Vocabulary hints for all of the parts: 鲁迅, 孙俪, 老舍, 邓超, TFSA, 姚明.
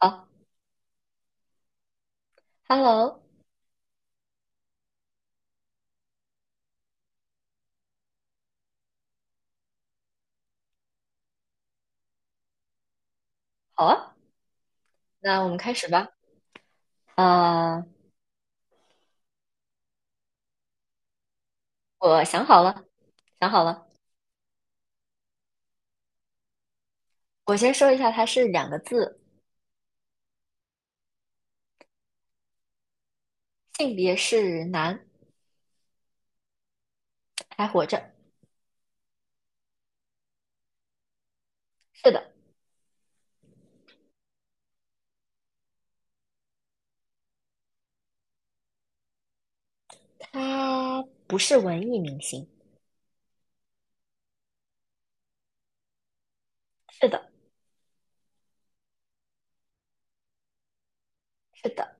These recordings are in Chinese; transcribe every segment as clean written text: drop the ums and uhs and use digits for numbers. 好，Hello，好啊，那我们开始吧。呃，我想好了，想好了。我先说一下，它是两个字，性别是男，还活着。是的，他不是文艺明星。是的，是的，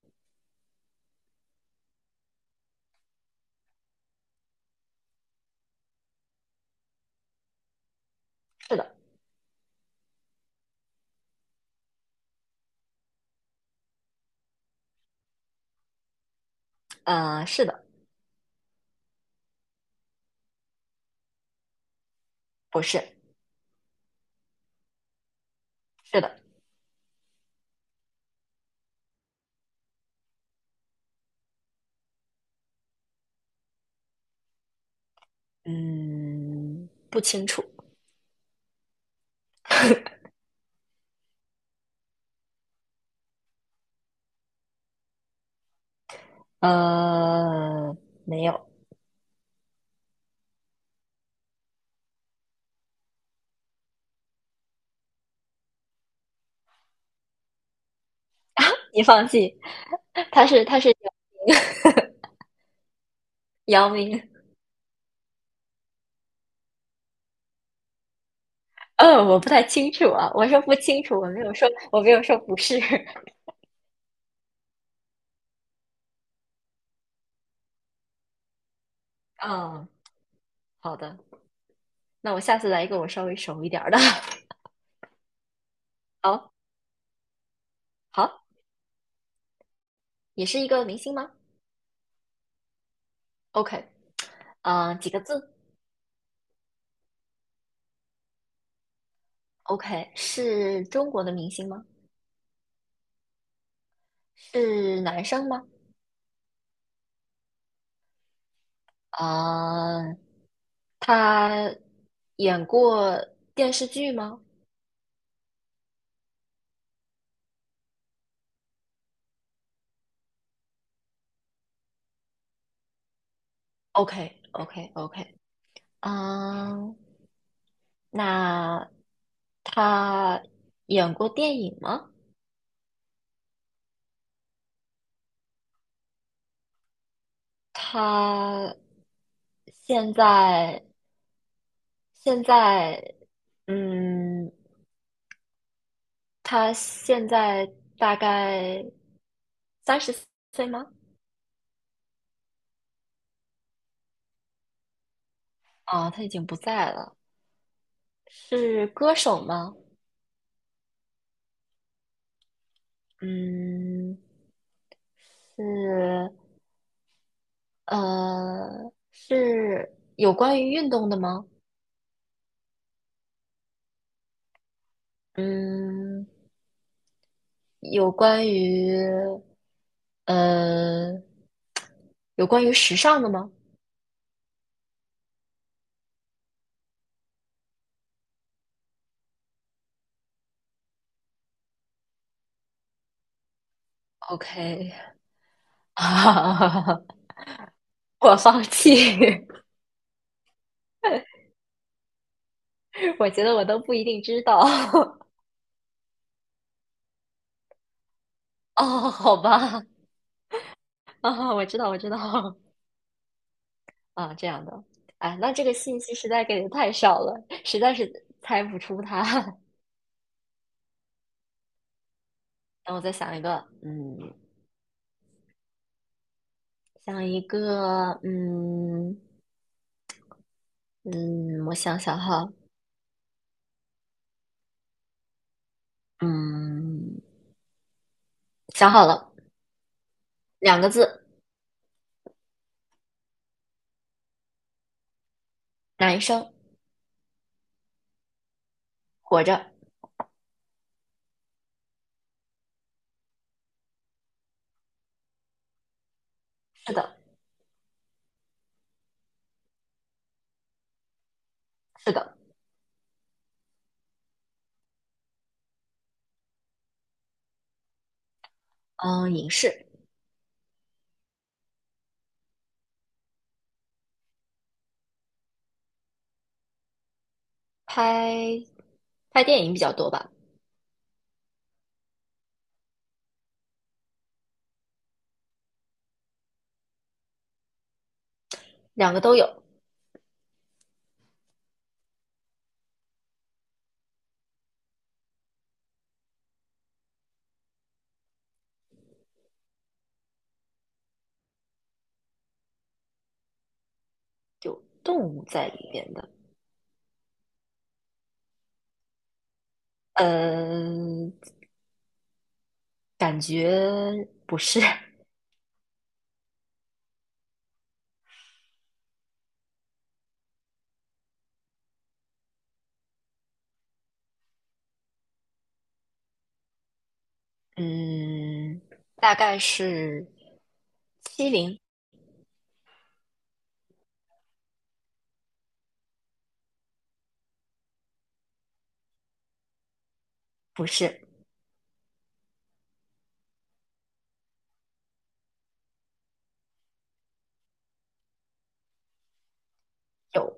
是的，是的，不是，是的，嗯，不清楚。呃，没有，你放弃。他是姚明。我不太清楚啊，我说不清楚，我没有说不是。嗯，好的，那我下次来一个我稍微熟一点儿的。好，好，也是一个明星吗？OK，嗯，几个字？OK，是中国的明星吗？是男生吗？嗯，他演过电视剧吗？OK，OK，OK，嗯，那他演过电影吗？他现在现在，嗯，他现在大概三十岁吗？啊，他已经不在了。是歌手吗？嗯，是，是有关于运动的吗？嗯，有关于，呃，有关于时尚的吗？OK，我放弃。我觉得我都不一定知道。哦，好吧，我知道，我知道，啊，这样的，哎，那这个信息实在给的太少了，实在是猜不出他。让我再想一个，嗯，想一个，嗯嗯，我想想哈，嗯，想好了，两个字，男生，活着，是的，是的，嗯，影视，拍拍电影比较多吧，两个都有，有动物在里面的，嗯。感觉不是，嗯，大概是七零，不是有，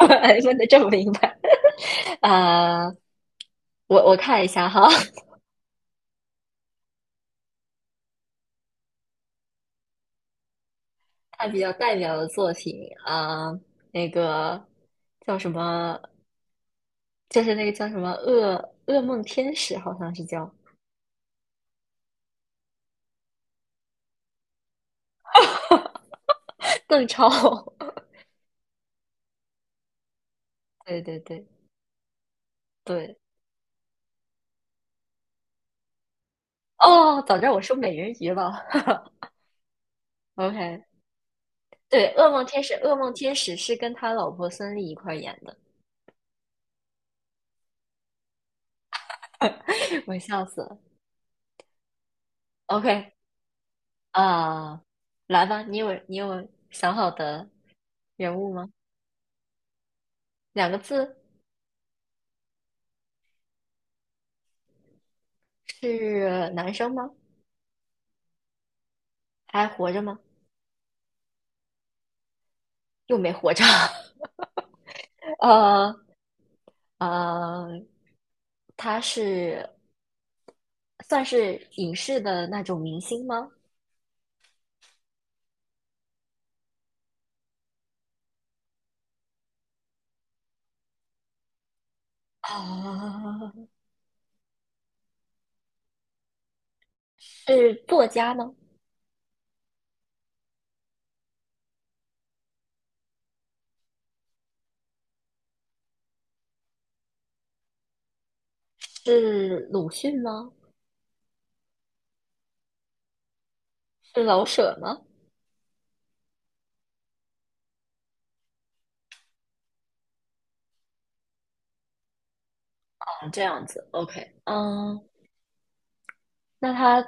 问的这么明白，呃，我看一下哈，看比较代表的作品啊、呃那个叫什么，就是那个叫什么噩梦天使，好像是叫邓超，对对对对，哦，早知道我说美人鱼了 ，OK，对，《噩梦天使》《噩梦天使》是跟他老婆孙俪一块儿演的，我笑死了。OK，啊、来吧，你有想好的人物吗？两个字是男生吗？还活着吗？又没活着。呃呃，他是算是影视的那种明星吗？啊，是作家吗？是鲁迅吗？是老舍吗？这样子，OK，嗯，那他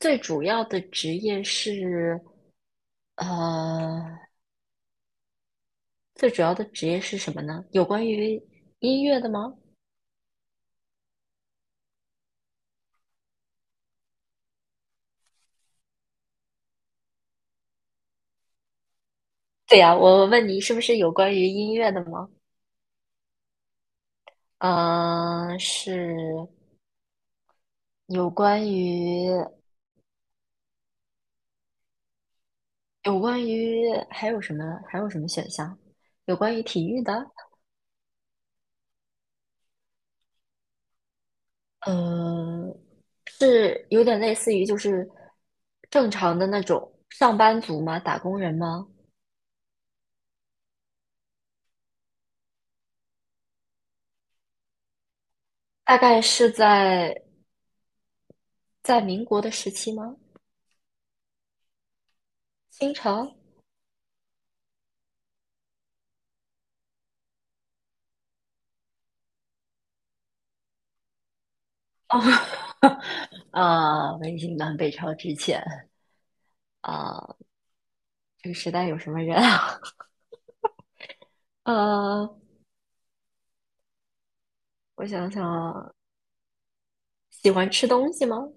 最主要的职业是呃，最主要的职业是什么呢？有关于音乐的吗？对呀，我问你是不是有关于音乐的吗？嗯，是有关于有关于还有什么选项？有关于体育的，嗯，是有点类似于就是正常的那种上班族吗？打工人吗？大概是在民国的时期吗？清朝？哦，啊，魏晋南北朝之前，啊，这个时代有什么人啊？呃，我想想啊，喜欢吃东西吗？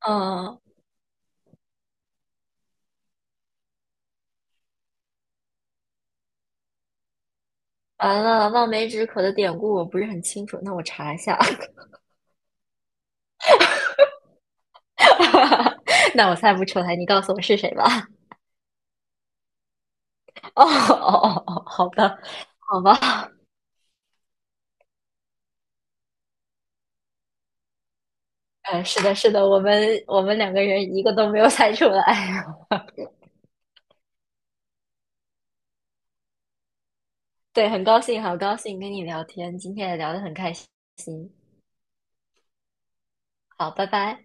嗯、完了，望梅止渴的典故我不是很清楚，那我查一下。那我猜不出来，你告诉我是谁吧？哦哦哦哦，好的，好吧，是的，是的，我们两个人一个都没有猜出来。对，很高兴，好高兴跟你聊天，今天也聊得很开心。好，拜拜。